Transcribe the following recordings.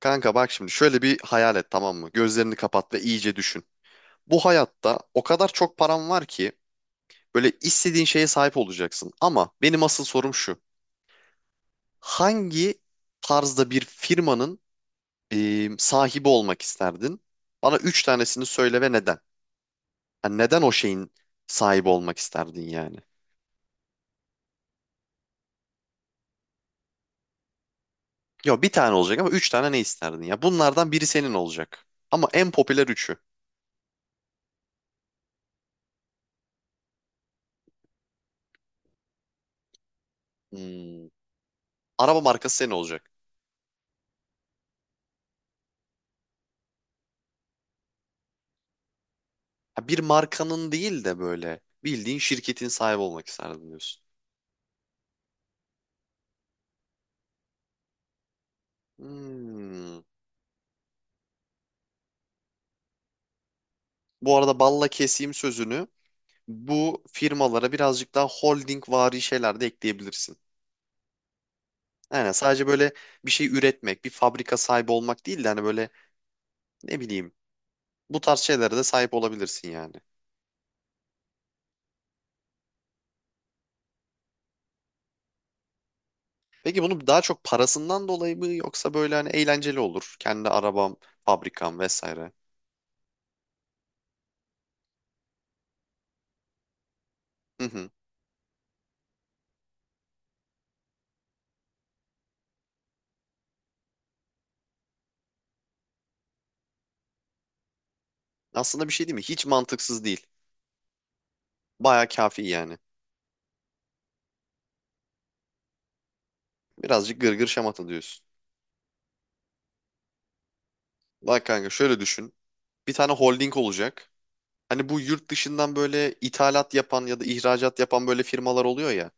Kanka bak şimdi şöyle bir hayal et, tamam mı? Gözlerini kapat ve iyice düşün. Bu hayatta o kadar çok param var ki böyle istediğin şeye sahip olacaksın. Ama benim asıl sorum şu. Hangi tarzda bir firmanın sahibi olmak isterdin? Bana üç tanesini söyle ve neden? Yani neden o şeyin sahibi olmak isterdin yani? Yok, bir tane olacak ama üç tane ne isterdin ya? Bunlardan biri senin olacak. Ama en popüler üçü. Hmm. Araba markası senin olacak. Ha, bir markanın değil de böyle bildiğin şirketin sahibi olmak isterdim diyorsun. Hmm. Bu arada balla keseyim sözünü. Bu firmalara birazcık daha holding vari şeyler de ekleyebilirsin. Yani sadece böyle bir şey üretmek, bir fabrika sahibi olmak değil de hani böyle ne bileyim bu tarz şeylere de sahip olabilirsin yani. Peki bunu daha çok parasından dolayı mı yoksa böyle hani eğlenceli olur. Kendi arabam, fabrikam vesaire. Hı hı. Aslında bir şey değil mi? Hiç mantıksız değil. Baya kafi yani. Birazcık gırgır şamata diyorsun. Bak kanka, şöyle düşün. Bir tane holding olacak. Hani bu yurt dışından böyle ithalat yapan ya da ihracat yapan böyle firmalar oluyor ya.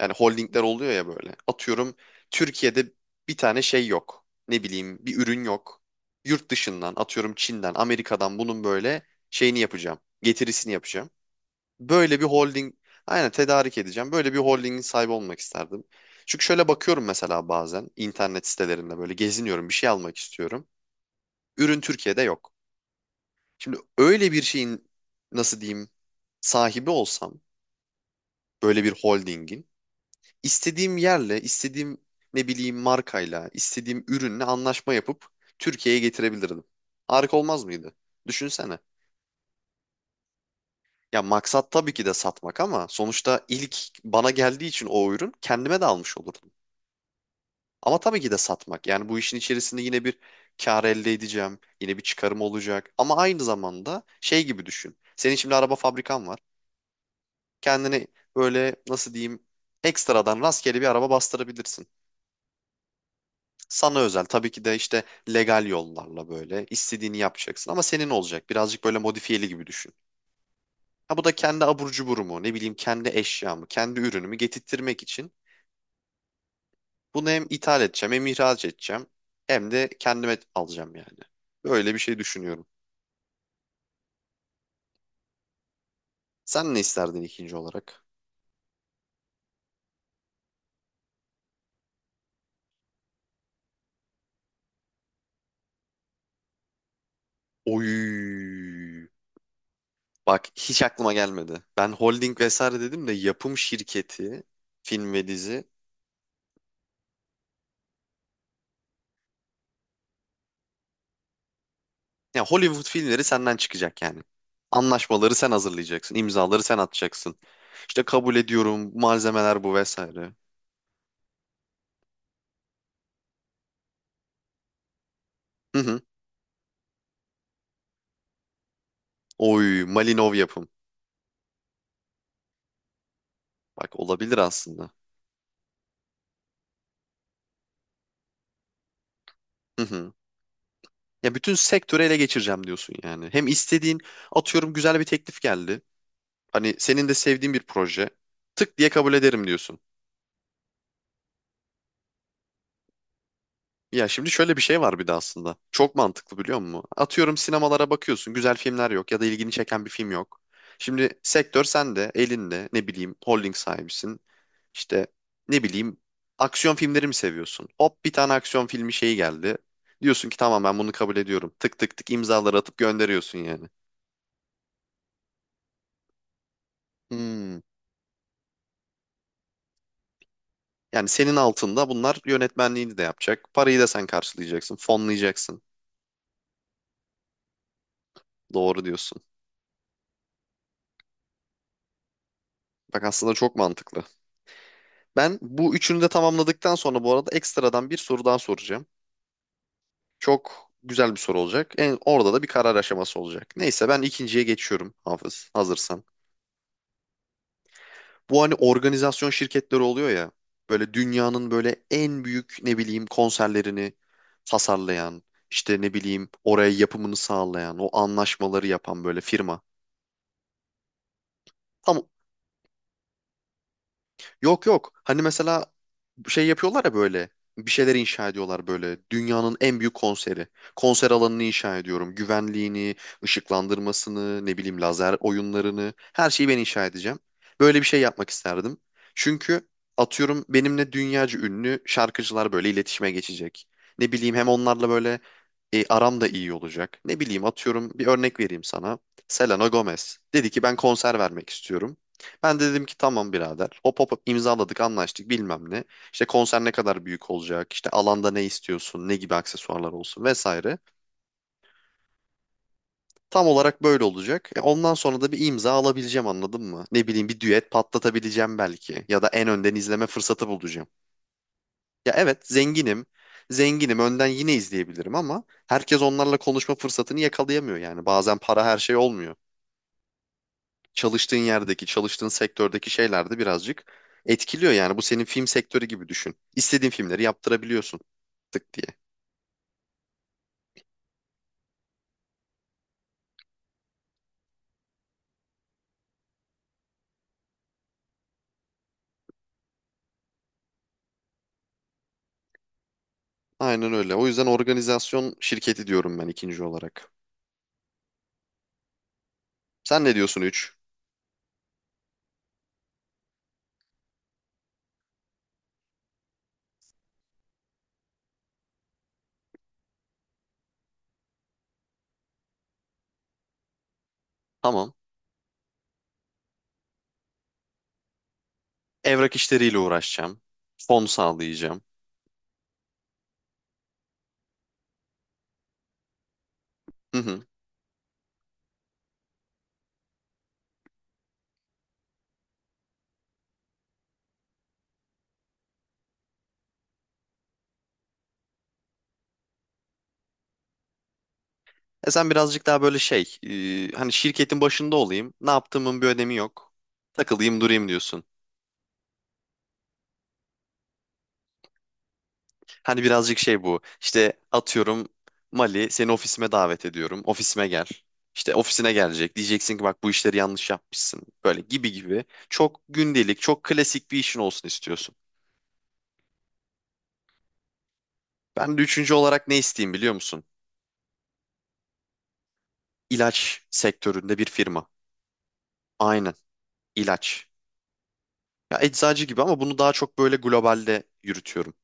Yani holdingler oluyor ya böyle. Atıyorum Türkiye'de bir tane şey yok. Ne bileyim bir ürün yok. Yurt dışından atıyorum Çin'den, Amerika'dan bunun böyle şeyini yapacağım. Getirisini yapacağım. Böyle bir holding, aynen tedarik edeceğim. Böyle bir holdingin sahibi olmak isterdim. Çünkü şöyle bakıyorum, mesela bazen internet sitelerinde böyle geziniyorum, bir şey almak istiyorum. Ürün Türkiye'de yok. Şimdi öyle bir şeyin nasıl diyeyim sahibi olsam, böyle bir holdingin, istediğim yerle, istediğim ne bileyim markayla, istediğim ürünle anlaşma yapıp Türkiye'ye getirebilirdim. Harika olmaz mıydı? Düşünsene. Ya maksat tabii ki de satmak ama sonuçta ilk bana geldiği için o ürün kendime de almış olurdum. Ama tabii ki de satmak. Yani bu işin içerisinde yine bir kar elde edeceğim. Yine bir çıkarım olacak. Ama aynı zamanda şey gibi düşün. Senin şimdi araba fabrikan var. Kendini böyle nasıl diyeyim ekstradan rastgele bir araba bastırabilirsin. Sana özel tabii ki de, işte legal yollarla böyle istediğini yapacaksın ama senin olacak. Birazcık böyle modifiyeli gibi düşün. Ha, bu da kendi abur cuburumu, ne bileyim kendi eşyamı, kendi ürünümü getirtmek için bunu hem ithal edeceğim hem ihraç edeceğim hem de kendime alacağım yani. Böyle bir şey düşünüyorum. Sen ne isterdin ikinci olarak? Oy. Bak, hiç aklıma gelmedi. Ben holding vesaire dedim de, yapım şirketi, film ve dizi. Ya Hollywood filmleri senden çıkacak yani. Anlaşmaları sen hazırlayacaksın, imzaları sen atacaksın. İşte kabul ediyorum, malzemeler bu vesaire. Hı hı. Oy, Malinov yapım. Bak olabilir aslında. Hı hı. Ya bütün sektörü ele geçireceğim diyorsun yani. Hem istediğin, atıyorum güzel bir teklif geldi. Hani senin de sevdiğin bir proje. Tık diye kabul ederim diyorsun. Ya şimdi şöyle bir şey var bir de aslında. Çok mantıklı biliyor musun? Atıyorum sinemalara bakıyorsun. Güzel filmler yok ya da ilgini çeken bir film yok. Şimdi sektör sende, elinde ne bileyim holding sahibisin. İşte ne bileyim aksiyon filmleri mi seviyorsun? Hop, bir tane aksiyon filmi şeyi geldi. Diyorsun ki tamam, ben bunu kabul ediyorum. Tık tık tık imzaları atıp gönderiyorsun yani. Hmm. Yani senin altında bunlar yönetmenliğini de yapacak. Parayı da sen karşılayacaksın, fonlayacaksın. Doğru diyorsun. Bak aslında çok mantıklı. Ben bu üçünü de tamamladıktan sonra bu arada ekstradan bir soru daha soracağım. Çok güzel bir soru olacak. En, orada da bir karar aşaması olacak. Neyse, ben ikinciye geçiyorum Hafız, hazırsan. Bu hani organizasyon şirketleri oluyor ya. Böyle dünyanın böyle en büyük ne bileyim konserlerini tasarlayan, işte ne bileyim oraya yapımını sağlayan, o anlaşmaları yapan böyle firma. Tamam. Yok yok. Hani mesela şey yapıyorlar ya böyle. Bir şeyler inşa ediyorlar böyle. Dünyanın en büyük konseri. Konser alanını inşa ediyorum. Güvenliğini, ışıklandırmasını, ne bileyim lazer oyunlarını. Her şeyi ben inşa edeceğim. Böyle bir şey yapmak isterdim. Çünkü atıyorum benimle dünyaca ünlü şarkıcılar böyle iletişime geçecek. Ne bileyim hem onlarla böyle aram da iyi olacak. Ne bileyim atıyorum bir örnek vereyim sana. Selena Gomez dedi ki ben konser vermek istiyorum. Ben de dedim ki tamam birader. Hop hop hop, imzaladık, anlaştık, bilmem ne. İşte konser ne kadar büyük olacak, işte alanda ne istiyorsun, ne gibi aksesuarlar olsun vesaire. Tam olarak böyle olacak. E, ondan sonra da bir imza alabileceğim, anladın mı? Ne bileyim bir düet patlatabileceğim belki, ya da en önden izleme fırsatı bulacağım. Ya evet zenginim, zenginim, önden yine izleyebilirim ama herkes onlarla konuşma fırsatını yakalayamıyor yani. Bazen para her şey olmuyor. Çalıştığın yerdeki, çalıştığın sektördeki şeyler de birazcık etkiliyor yani. Bu senin film sektörü gibi düşün. İstediğin filmleri yaptırabiliyorsun tık diye. Aynen öyle. O yüzden organizasyon şirketi diyorum ben ikinci olarak. Sen ne diyorsun üç? Tamam. Evrak işleriyle uğraşacağım. Fon sağlayacağım. Hı hı. E sen birazcık daha böyle şey, hani şirketin başında olayım. Ne yaptığımın bir önemi yok. Takılayım durayım diyorsun. Hani birazcık şey bu. İşte atıyorum Mali, seni ofisime davet ediyorum. Ofisime gel. İşte ofisine gelecek. Diyeceksin ki bak, bu işleri yanlış yapmışsın. Böyle gibi gibi. Çok gündelik, çok klasik bir işin olsun istiyorsun. Ben de üçüncü olarak ne isteyeyim biliyor musun? İlaç sektöründe bir firma. Aynen, ilaç. Ya eczacı gibi ama bunu daha çok böyle globalde yürütüyorum.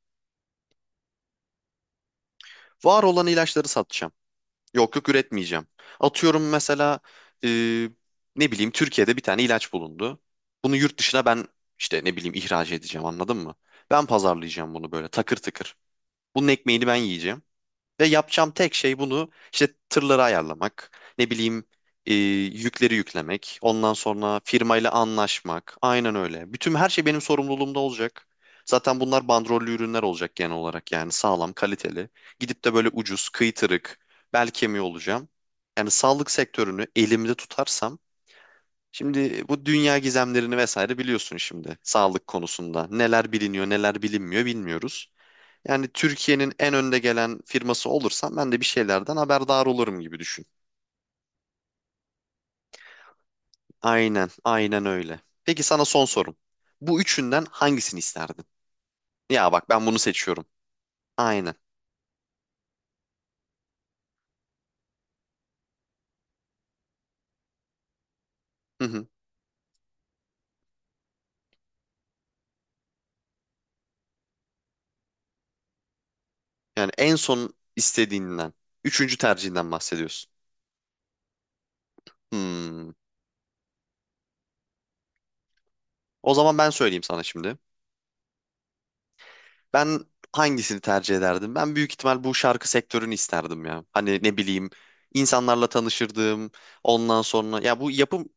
Var olan ilaçları satacağım. Yok yok, üretmeyeceğim. Atıyorum mesela e, ne bileyim Türkiye'de bir tane ilaç bulundu. Bunu yurt dışına ben işte ne bileyim ihraç edeceğim, anladın mı? Ben pazarlayacağım bunu böyle takır tıkır. Bunun ekmeğini ben yiyeceğim. Ve yapacağım tek şey bunu, işte tırları ayarlamak, ne bileyim e, yükleri yüklemek, ondan sonra firmayla anlaşmak. Aynen öyle. Bütün her şey benim sorumluluğumda olacak. Zaten bunlar bandrollü ürünler olacak genel olarak, yani sağlam, kaliteli. Gidip de böyle ucuz, kıytırık, bel kemiği olacağım. Yani sağlık sektörünü elimde tutarsam, şimdi bu dünya gizemlerini vesaire biliyorsun şimdi sağlık konusunda. Neler biliniyor, neler bilinmiyor bilmiyoruz. Yani Türkiye'nin en önde gelen firması olursam ben de bir şeylerden haberdar olurum gibi düşün. Aynen, aynen öyle. Peki sana son sorum. Bu üçünden hangisini isterdin? Ya bak ben bunu seçiyorum. Aynen. Hı hı. Yani en son istediğinden, üçüncü tercihinden bahsediyorsun. Hmm. O zaman ben söyleyeyim sana şimdi. Ben hangisini tercih ederdim? Ben büyük ihtimal bu şarkı sektörünü isterdim ya. Hani ne bileyim insanlarla tanışırdım. Ondan sonra ya bu yapım,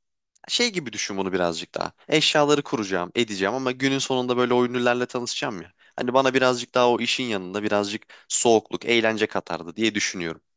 şey gibi düşün bunu birazcık daha. Eşyaları kuracağım, edeceğim ama günün sonunda böyle o ünlülerle tanışacağım ya. Hani bana birazcık daha o işin yanında birazcık soğukluk, eğlence katardı diye düşünüyorum.